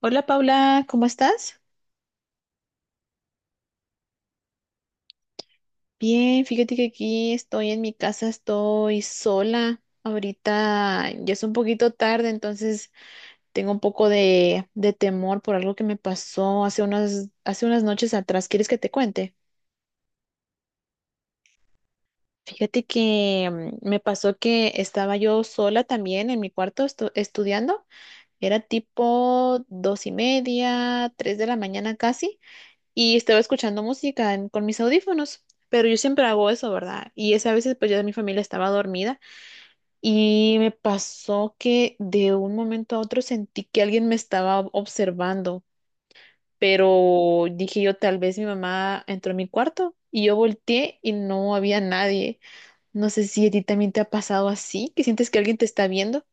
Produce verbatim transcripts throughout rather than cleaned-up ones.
Hola Paula, ¿cómo estás? Bien, fíjate que aquí estoy en mi casa, estoy sola. Ahorita ya es un poquito tarde, entonces tengo un poco de, de temor por algo que me pasó hace unas, hace unas noches atrás. ¿Quieres que te cuente? Fíjate que mm, me pasó que estaba yo sola también en mi cuarto estu- estudiando. Era tipo dos y media, tres de la mañana casi. Y estaba escuchando música en- con mis audífonos, pero yo siempre hago eso, ¿verdad? Y esa veces pues ya mi familia estaba dormida y me pasó que de un momento a otro sentí que alguien me estaba observando, pero dije yo tal vez mi mamá entró a mi cuarto y yo volteé y no había nadie. No sé si a ti también te ha pasado así, que sientes que alguien te está viendo.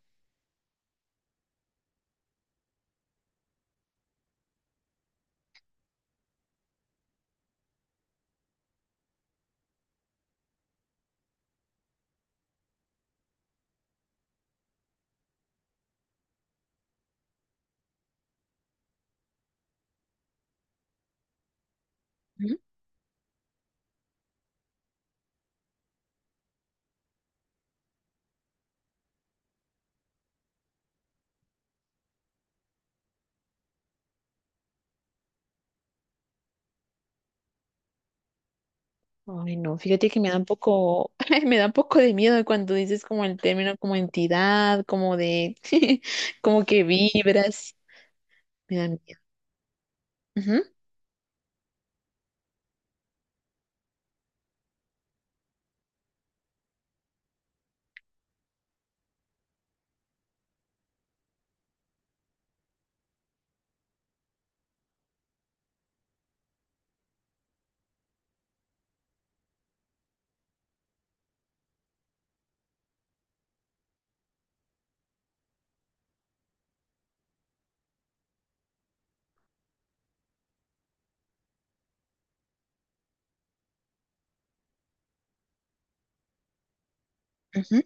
Ay, no, fíjate que me da un poco, me da un poco de miedo cuando dices como el término como entidad, como de, como que vibras, me da miedo. Ujú, ujú,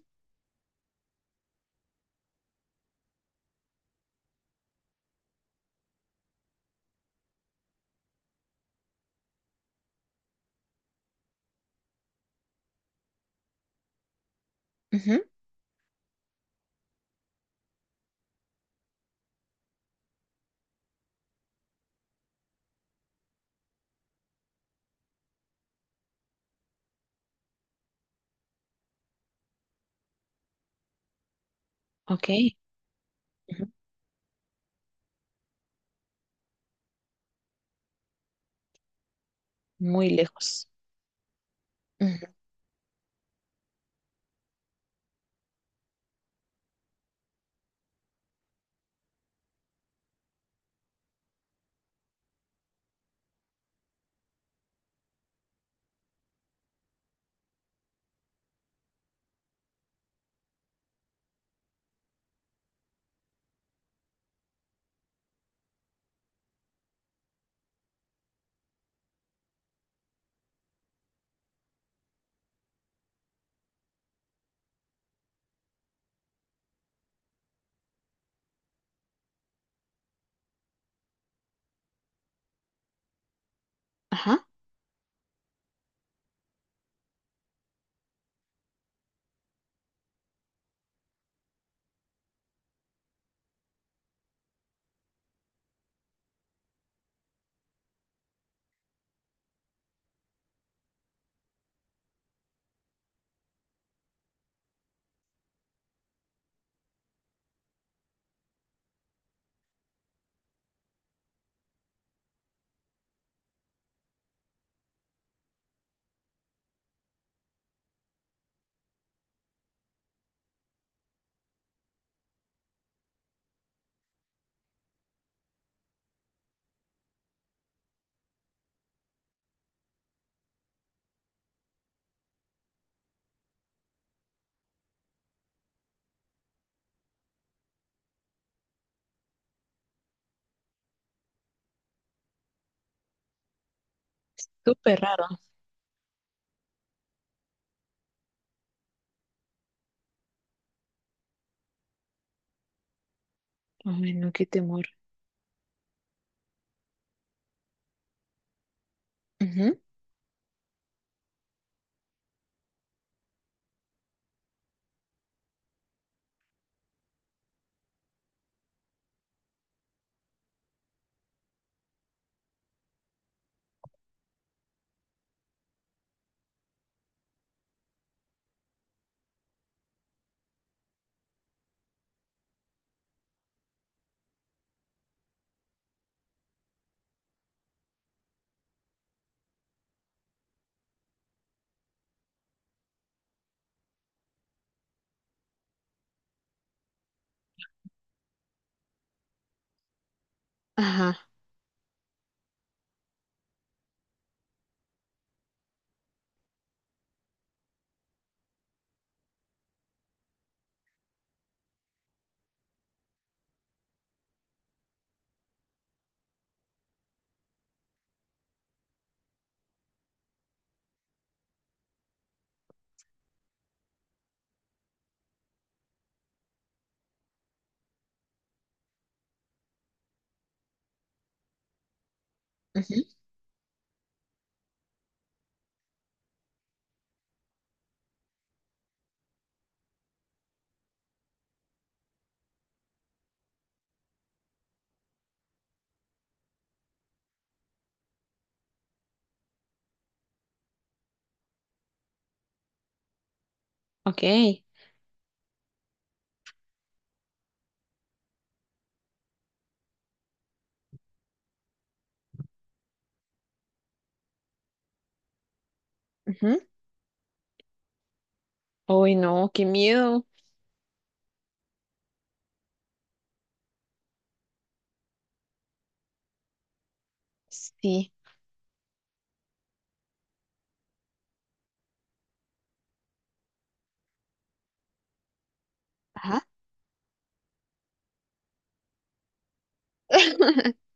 ujú. Ok, ujú. Muy lejos. Ujú. Ajá, súper raro. Ay, no, qué temor. Ujú, ajá, ujú. Ok. Ujú. Ay, no, qué miedo. Sí, ajá.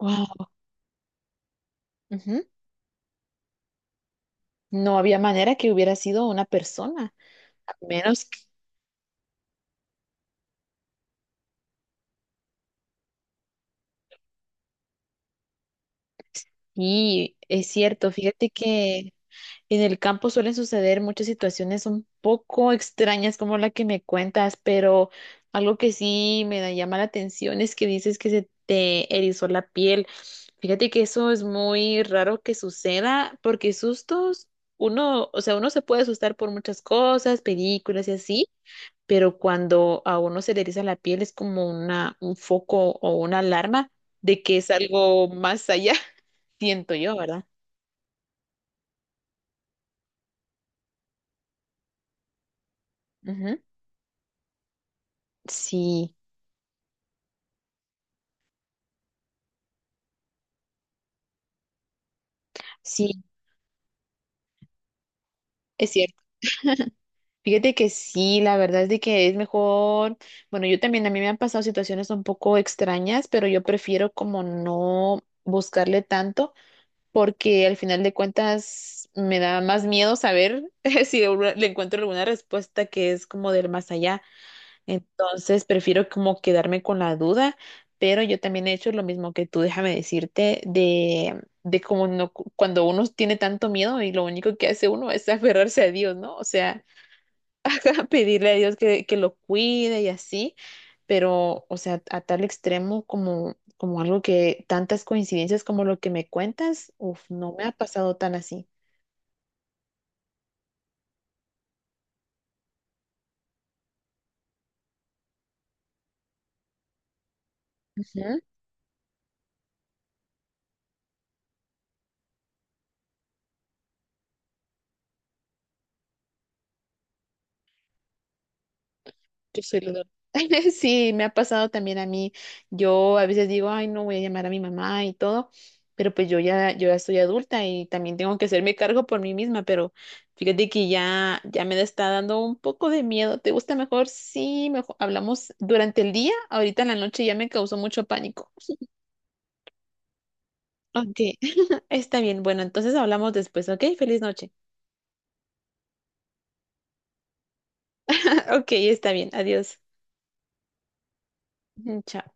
Wow. No había manera que hubiera sido una persona, a menos. Sí, es cierto. Fíjate que en el campo suelen suceder muchas situaciones un poco extrañas como la que me cuentas, pero algo que sí me da- llama la atención es que dices que se te erizó la piel. Fíjate que eso es muy raro que suceda porque sustos, uno, o sea, uno se puede asustar por muchas cosas, películas y así, pero cuando a uno se le eriza la piel es como una, un foco o una alarma de que es algo más allá, siento yo, ¿verdad? Ujú. Sí, sí, es cierto. Fíjate que sí, la verdad es de que es mejor. Bueno, yo también, a mí me han pasado situaciones un poco extrañas, pero yo prefiero como no buscarle tanto, porque al final de cuentas me da más miedo saber si le encuentro alguna respuesta que es como del más allá. Entonces prefiero como quedarme con la duda, pero yo también he hecho lo mismo que tú, déjame decirte, de, de como no, cuando uno tiene tanto miedo y lo único que hace uno es aferrarse a Dios, ¿no? O sea, pedirle a Dios que, que lo cuide y así, pero, o sea, a tal extremo como, como algo que tantas coincidencias como lo que me cuentas, uf, no me ha pasado tan así. Tu celular. Sí, me ha pasado también a mí. Yo a veces digo, ay, no voy a llamar a mi mamá y todo, pero pues yo ya, yo ya soy adulta y también tengo que hacerme cargo por mí misma, pero fíjate que ya, ya me está dando un poco de miedo. ¿Te gusta mejor? Sí, mejor hablamos durante el día, ahorita en la noche ya me causó mucho pánico. Ok, está bien. Bueno, entonces hablamos después, ¿ok? Feliz noche. Ok, está bien. Adiós. Chao.